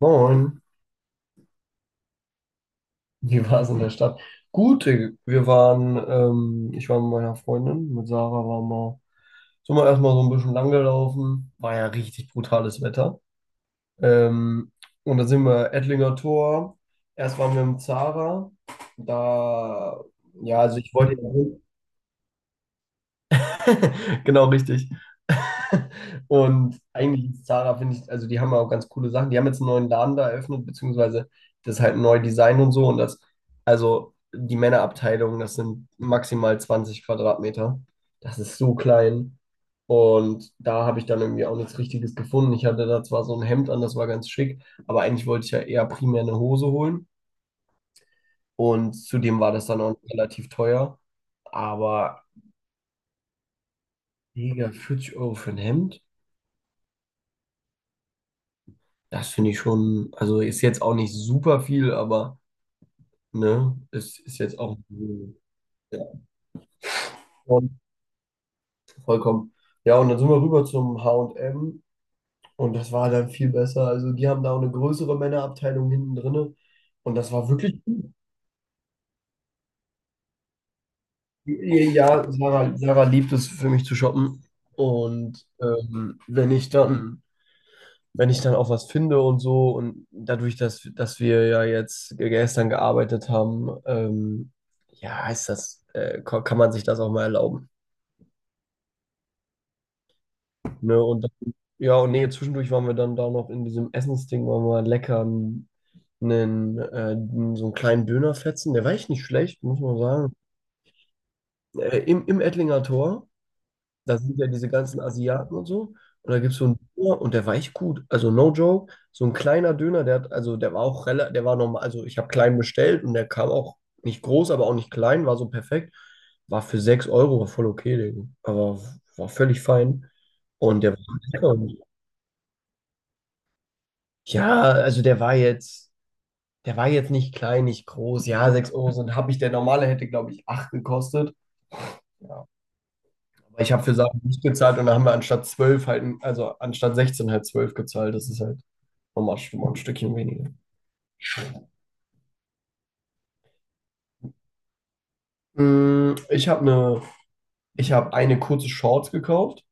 Moin, wie war es in der Stadt? Gut, wir waren, ich war mit meiner Freundin, mit Sarah sind wir erstmal so ein bisschen lang gelaufen, war ja richtig brutales Wetter. Ähm, und dann sind wir Ettlinger Tor, erst waren wir im Zara, da, ja, also ich wollte, ja, genau richtig. Und eigentlich ist Zara, finde ich, also die haben auch ganz coole Sachen. Die haben jetzt einen neuen Laden da eröffnet, beziehungsweise das ist halt ein neues Design und so. Und das, also die Männerabteilung, das sind maximal 20 Quadratmeter. Das ist so klein. Und da habe ich dann irgendwie auch nichts Richtiges gefunden. Ich hatte da zwar so ein Hemd an, das war ganz schick, aber eigentlich wollte ich ja eher primär eine Hose holen. Und zudem war das dann auch relativ teuer. Aber, Digga, 40 Euro für ein Hemd? Das finde ich schon, also ist jetzt auch nicht super viel, aber ne, es ist jetzt auch ja, voll- vollkommen. Ja, und dann sind wir rüber zum H&M und M, und das war dann viel besser. Also die haben da auch eine größere Männerabteilung hinten drinne, und das war wirklich gut. Ja, ja, Sarah liebt es, für mich zu shoppen. Und wenn ich dann, wenn ich dann auch was finde und so, und dadurch, dass wir ja jetzt gestern gearbeitet haben, ja, ist das, kann man sich das auch mal erlauben. Ne? Und dann, ja, und nee, zwischendurch waren wir dann da noch in diesem Essensding, waren wir lecker einen, äh, so einen kleinen Dönerfetzen, der war echt nicht schlecht, muss man sagen. Im Ettlinger Tor. Da sind ja diese ganzen Asiaten und so. Und da gibt es so einen Döner und der war echt gut. Also no joke, so ein kleiner Döner, der hat, also der war auch relativ, der war normal, also ich habe klein bestellt und der kam auch nicht groß, aber auch nicht klein, war so perfekt. War für 6 Euro, war voll okay, Digga. Aber war völlig fein. Und der war lecker. Ja, also der war jetzt nicht klein, nicht groß. Ja, 6 Euro sind, habe ich, der normale hätte, glaube ich, 8 gekostet. Ja, weil ich habe für Sachen nicht gezahlt, und da haben wir anstatt 12 halt, also anstatt 16 halt 12 gezahlt. Das ist halt nochmal schon mal ein Stückchen weniger. Mm, Ich habe eine, ich habe eine kurze Shorts gekauft,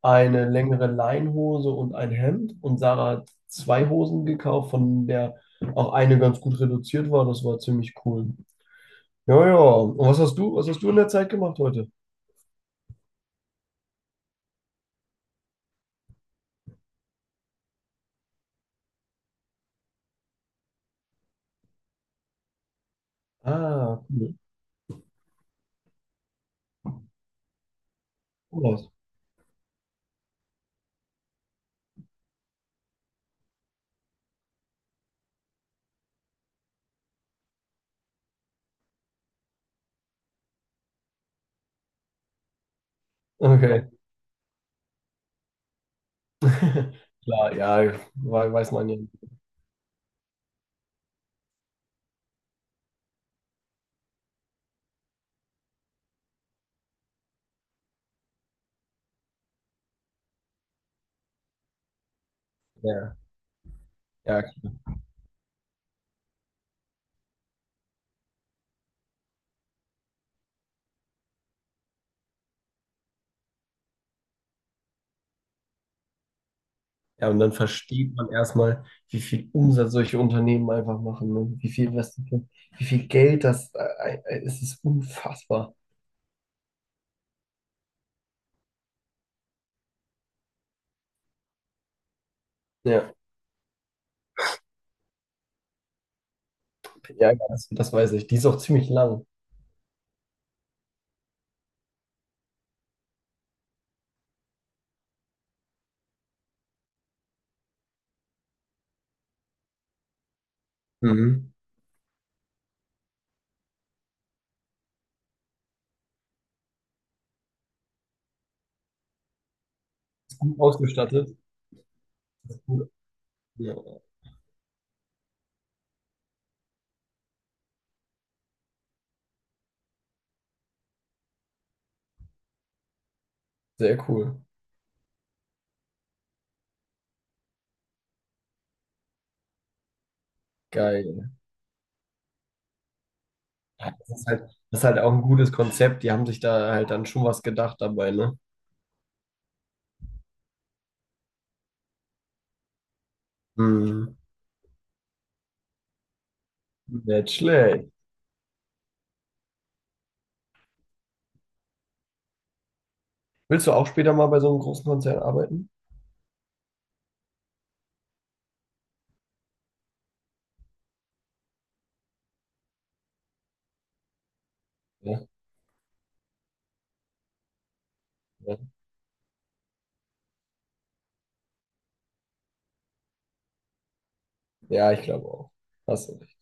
eine längere Leinhose und ein Hemd. Und Sarah hat zwei Hosen gekauft, von der auch eine ganz gut reduziert war. Das war ziemlich cool. Ja, ja. Und was hast du in der Zeit gemacht heute? Ah, cool. Cool aus. Okay. Klar, ja, weiß man ja. Ja, ja. Ja, und dann versteht man erstmal, wie viel Umsatz solche Unternehmen einfach machen, ne? Wie viel, was, wie viel Geld das, es ist unfassbar. Ja, ja, ja, das, das weiß ich. Die ist auch ziemlich lang. Mhm. Ist gut ausgestattet. Ist gut. Ja, sehr cool. Geil. Ja, das ist halt auch ein gutes Konzept. Die haben sich da halt dann schon was gedacht dabei, ne? Mhm. Nicht schlecht. Willst du auch später mal bei so einem großen Konzern arbeiten? Ja, ja. Ja, ich glaube auch. Hast du recht.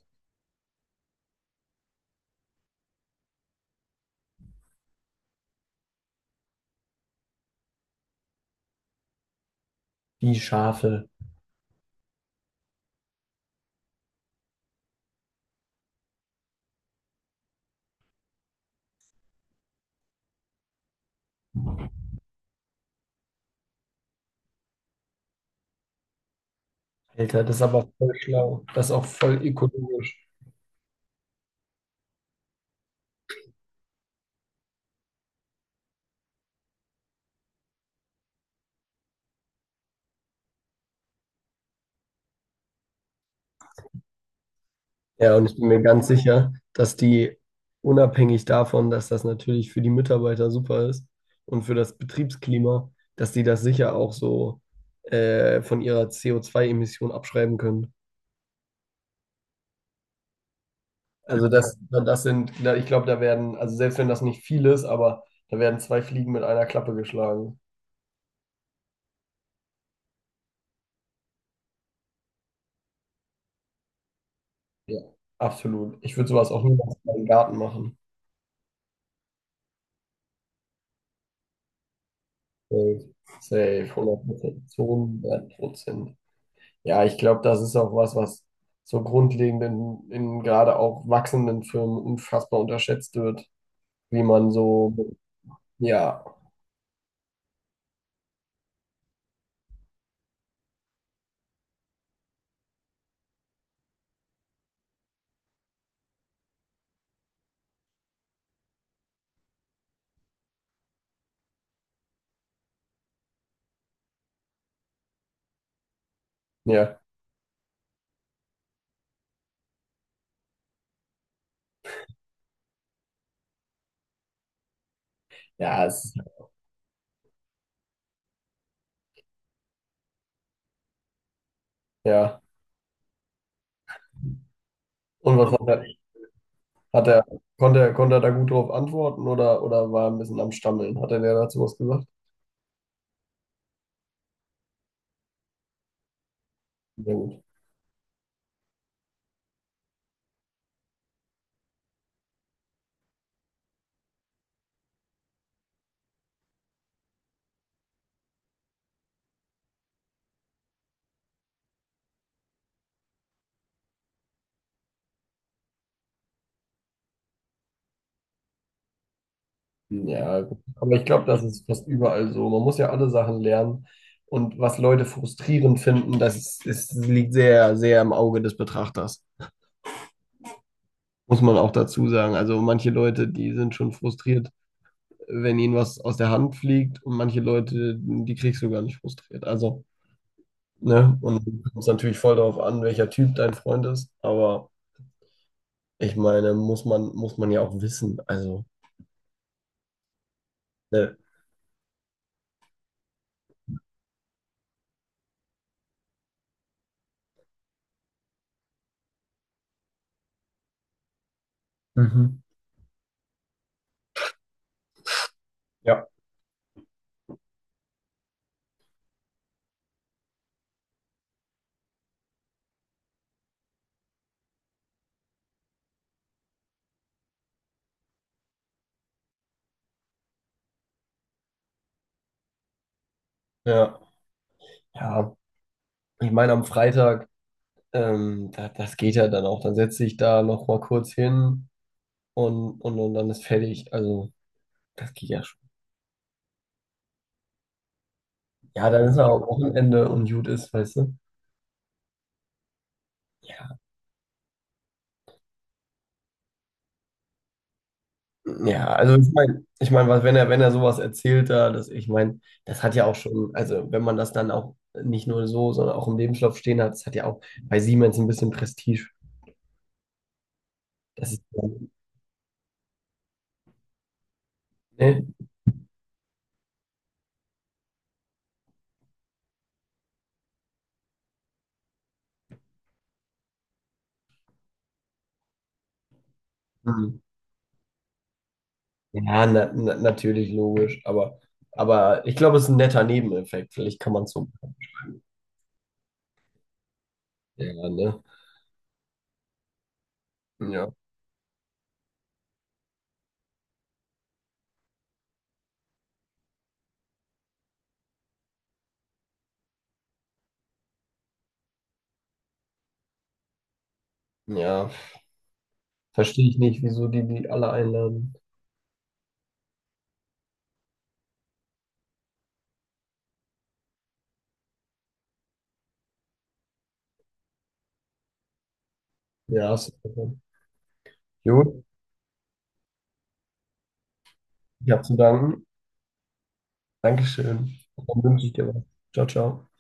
Die Schafe. Alter, das ist aber voll schlau. Das ist auch voll ökologisch. Ja, und ich bin mir ganz sicher, dass die unabhängig davon, dass das natürlich für die Mitarbeiter super ist und für das Betriebsklima, dass die das sicher auch so, von ihrer co zwei emission abschreiben können. Also das, das sind, ich glaube, da werden, also selbst wenn das nicht viel ist, aber da werden zwei Fliegen mit einer Klappe geschlagen. Ja, absolut. Ich würde sowas auch niemals in meinem Garten machen. Safe, Safe, 100%, 200%. Ja, ich glaube, das ist auch was, was so grundlegend in gerade auch wachsenden Firmen unfassbar unterschätzt wird, wie man so, ja, ja, ja, es, ja. Und was hat er, hat er, konnte er da gut drauf antworten, oder war er ein bisschen am Stammeln? Hat er dir dazu was gesagt? Ja, gut. Ja, gut, aber ich glaube, das ist fast überall so. Man muss ja alle Sachen lernen. Und was Leute frustrierend finden, liegt sehr, sehr im Auge des Betrachters. Muss man auch dazu sagen. Also manche Leute, die sind schon frustriert, wenn ihnen was aus der Hand fliegt, und manche Leute, die kriegst du gar nicht frustriert. Also, ne? Und es kommt natürlich voll darauf an, welcher Typ dein Freund ist. Aber ich meine, muss man ja auch wissen. Also, ne? Mhm. Ja, ja, ja. Ich meine, am Freitag, da, das geht ja dann auch. Dann setze ich da noch mal kurz hin, und dann ist fertig. Also, das geht ja schon. Ja, dann ist ja auch Wochenende und gut ist, weißt du? Ja, also ich meine, ich mein, was, wenn er, sowas erzählt da, das, ich meine, das hat ja auch schon, also wenn man das dann auch nicht nur so, sondern auch im Lebenslauf stehen hat, das hat ja auch bei Siemens ein bisschen Prestige. Das ist, ne? Hm. Ja, na, na, natürlich logisch, aber ich glaube, es ist ein netter Nebeneffekt. Vielleicht kann man es so. Ja, ne? Ja, ja. Verstehe ich nicht, wieso die die alle einladen. Ja, super. Gut, ich habe zu danken. Dankeschön. Dann wünsche ich dir was. Ciao, ciao.